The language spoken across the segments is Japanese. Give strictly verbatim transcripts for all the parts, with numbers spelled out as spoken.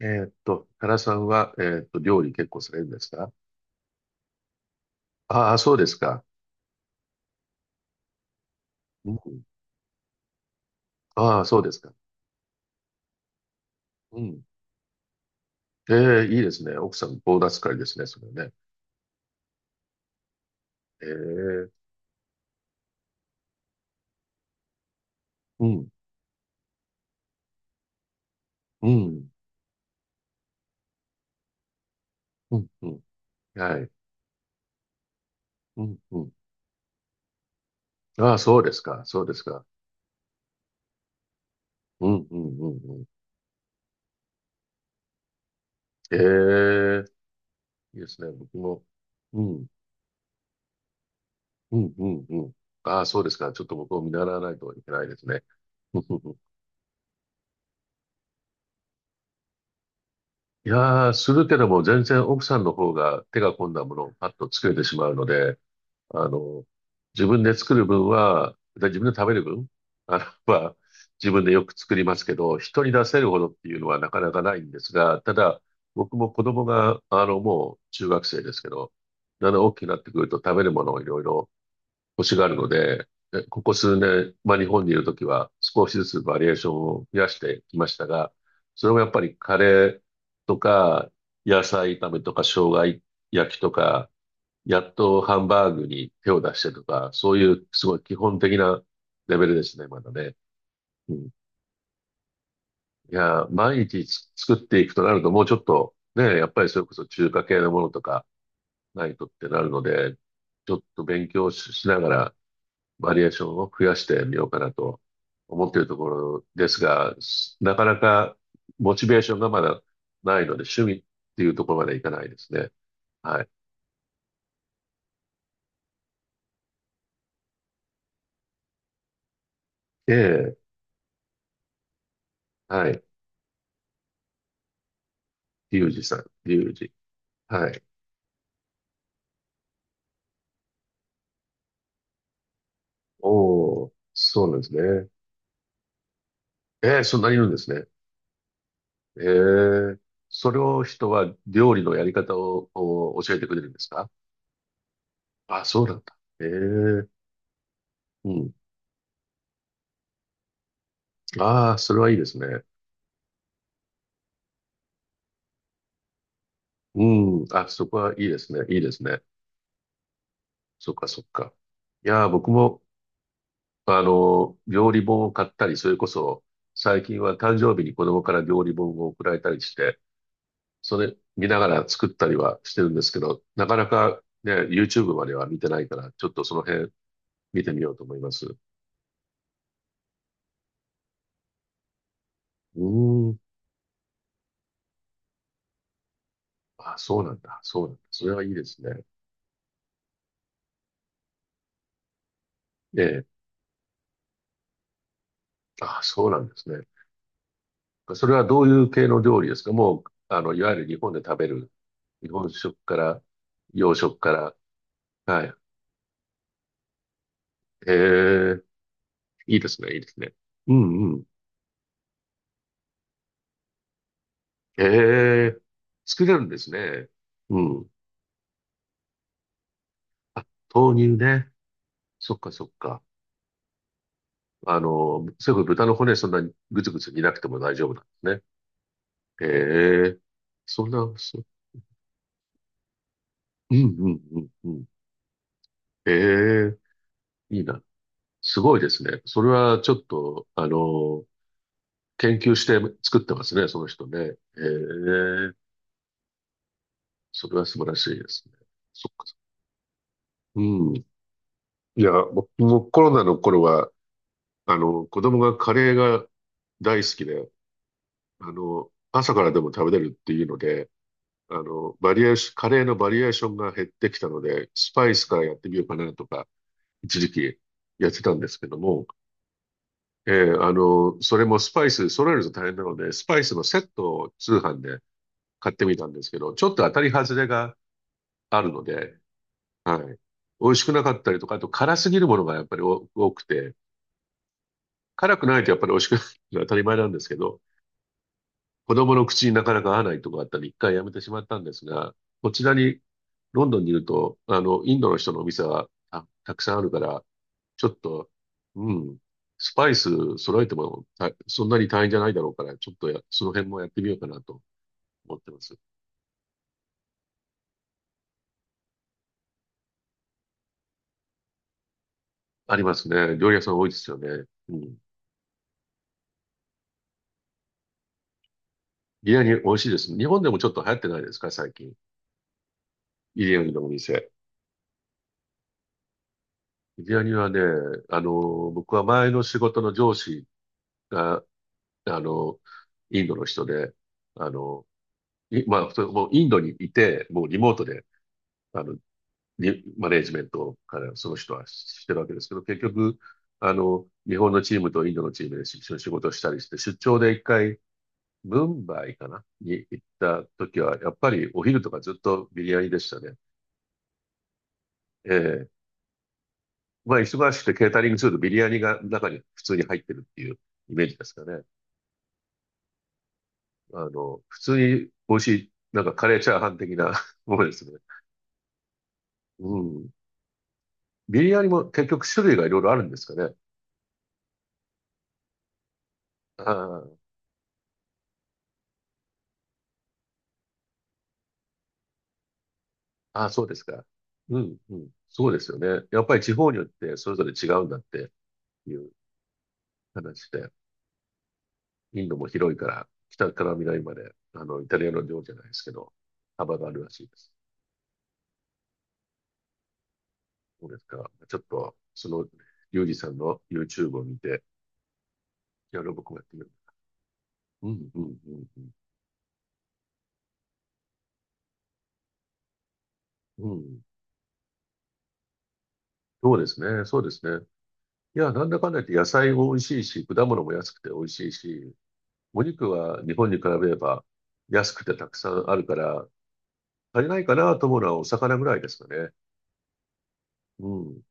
えーっと、原さんは、えーっと、料理結構されるんですか？ああー、そうですか。うん。ああ、そうですか。うん。ええ、いいですね。奥さん、ボーナス会ですね、それね。ええ。うん、うん、うん、うん。はい。うん、うん。ああ、そうですか。そうですか。うん、うん、うん、うん。ええ、いいですね。僕も。うん、うん、うん、うん。ああ、そうですか。ちょっと僕を見習わないといけないですね。うんうんうん。いやー、するけども全然奥さんの方が手が込んだものをパッと作れてしまうので、あの、自分で作る分は、で自分で食べる分、あの、は、自分でよく作りますけど、人に出せるほどっていうのはなかなかないんですが、ただ、僕も子供が、あの、もう中学生ですけど、だんだん大きくなってくると食べるものをいろいろ欲しがるので、えここ数年、まあ日本にいるときは少しずつバリエーションを増やしてきましたが、それもやっぱりカレーとか、野菜炒めとか、生姜焼きとか、やっとハンバーグに手を出してとか、そういうすごい基本的なレベルですね、まだね。うん。いや、毎日つ作っていくとなると、もうちょっとね、やっぱりそれこそ中華系のものとかないとってなるので、ちょっと勉強し、しながらバリエーションを増やしてみようかなと思っているところですが、すなかなかモチベーションがまだないので、趣味っていうところまでいかないですね。はい。ええ、はい。リュウジさん、リュウジ。はい。おお、そうなんですね。ええ、そんなにいるんですね。ええ。それを人は料理のやり方をお教えてくれるんですか？あ、そうなんだ。ええ、うん。ああ、それはいいですね。うん。あ、そこはいいですね。いいですね。そっか、そっか。いやー、僕も、あの、料理本を買ったり、それこそ、最近は誕生日に子供から料理本を送られたりして、それ見ながら作ったりはしてるんですけど、なかなかね、YouTube までは見てないから、ちょっとその辺、見てみようと思います。うーん。あ、そうなんだ。そうなんだ。それはいいですね。ええ。あ、そうなんですね。それはどういう系の料理ですか？もう、あの、いわゆる日本で食べる、日本食から、洋食から。はい。ええ。いいですね。いいですね。うんうん。ええ。作れるんですね。うん。あ、豆乳ね。そっかそっか。あの、それこそ豚の骨そんなにぐつぐつ煮なくても大丈夫なんですね。ええ。そんな、そ、うんうんうんうん。ええ、いいな。すごいですね。それはちょっと、あの、研究して作ってますね、その人ね。ええ、それは素晴らしいですね。そっか。うん。いや、僕もコロナの頃は、あの、子供がカレーが大好きで、あの、朝からでも食べれるっていうので、あの、バリエーション、カレーのバリエーションが減ってきたので、スパイスからやってみようかなとか、一時期やってたんですけども、ええ、あの、それもスパイス、揃えると大変なので、スパイスのセットを通販で買ってみたんですけど、ちょっと当たり外れがあるので、はい。美味しくなかったりとか、あと辛すぎるものがやっぱり多多くて、辛くないとやっぱり美味しくないのは当たり前なんですけど、子供の口になかなか合わないとかあったり、一回やめてしまったんですが、こちらに、ロンドンにいると、あの、インドの人のお店はた、たくさんあるから、ちょっと、うん。スパイス揃えてもたそんなに大変じゃないだろうから、ちょっとや、その辺もやってみようかなと思ってます。ありますね。料理屋さん多いですよね。うん。ビリヤニ美味しいです。日本でもちょっと流行ってないですか、最近？ビリヤニのお店。ビリヤニはね、あの、僕は前の仕事の上司が、あの、インドの人で、あの、いまあ、それもうインドにいて、もうリモートで、あの、に、マネージメントからその人はしてるわけですけど、結局、あの、日本のチームとインドのチームで一緒に仕事したりして、出張で一回、ムンバイかなに行った時は、やっぱりお昼とかずっとビリヤニでしたね。ええ。まあ、忙しくてケータリングするとビリヤニが中に普通に入ってるっていうイメージですかね。あの、普通に美味しい、なんかカレーチャーハン的な ものですね。うん。ビリヤニも結局種類がいろいろあるんですかね。ああ、あ、そうですか。うん、うん。そうですよね。やっぱり地方によってそれぞれ違うんだっていう話で、インドも広いから、北から南まで、あの、イタリアの領じゃないですけど、幅があるらしいです。そうですか。ちょっと、その、リュウジさんの YouTube を見て、いろう僕もやってみる。うん、うん、うん、うん。うん。そうですね。そうですね。いや、なんだかんだ言って野菜も美味しいし、果物も安くて美味しいし、お肉は日本に比べれば安くてたくさんあるから、足りないかなと思うのはお魚ぐらいですかね。うん。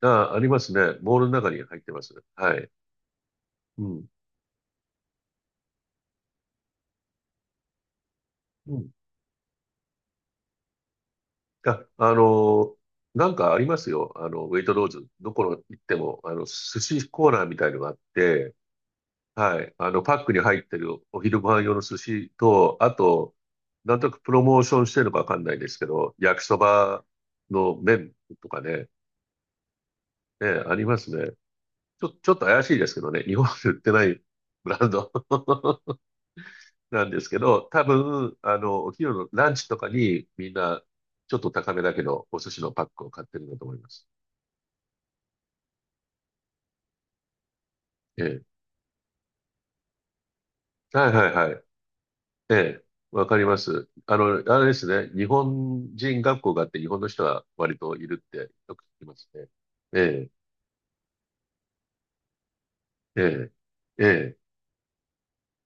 あ、ありますね。ボールの中に入ってます。はい。うん。うん。あ、あのなんかありますよ。あの、ウェイトローズ。どこの行っても、あの、寿司コーナーみたいのがあって、はい。あの、パックに入ってるお昼ご飯用の寿司と、あと、なんとなくプロモーションしてるのかわかんないですけど、焼きそばの麺とかね、ね、ありますね。ちょ、ちょっと怪しいですけどね。日本で売ってないブランド。なんですけど、多分、あの、お昼のランチとかにみんな、ちょっと高めだけど、お寿司のパックを買ってるんだと思います。ええ。はいはいはい。ええ。わかります。あの、あれですね。日本人学校があって、日本の人は割といるってよく聞きますね。ええ、ええ、ええ。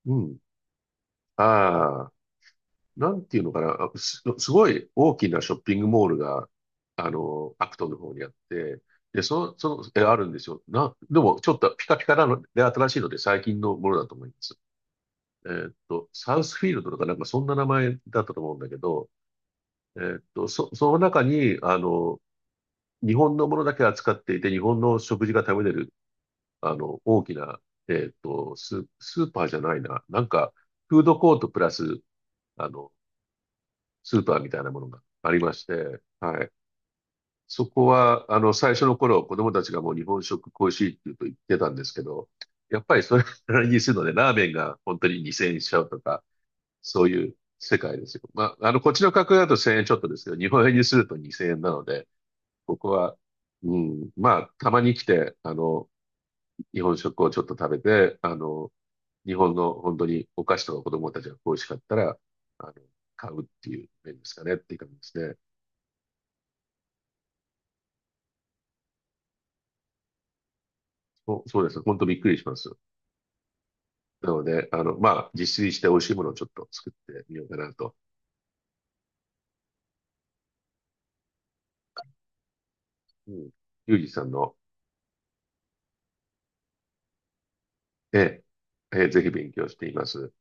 うん。ああ。なんていうのかな、す、すごい大きなショッピングモールが、あの、アクトンの方にあって、で、その、その、え、あるんですよ。な、でも、ちょっとピカピカなので、新しいので、最近のものだと思います。えーっと、サウスフィールドとかなんかそんな名前だったと思うんだけど、えーっと、そ、その中に、あの、日本のものだけ扱っていて、日本の食事が食べれる、あの、大きな、えーっと、ス、スーパーじゃないな、なんか、フードコートプラス、あの、スーパーみたいなものがありまして、はい。そこは、あの、最初の頃、子供たちがもう日本食恋しいって言うと言ってたんですけど、やっぱりそれなりにするので、ラーメンが本当ににせんえんしちゃうとか、そういう世界ですよ。まあ、あの、こっちの価格だとせんえんちょっとですけど、日本円にするとにせんえんなので、ここは、うん、まあ、たまに来て、あの、日本食をちょっと食べて、あの、日本の本当にお菓子とか子供たちが恋しかったら、あの、買うっていう面ですかねっていう感じですね。そうそうです。本当びっくりします。なので、あの、まあ、自炊して美味しいものをちょっと作ってみようかなと。うん。ユージさんの、ええ、ええ、ぜひ勉強しています。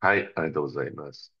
はい、ありがとうございます。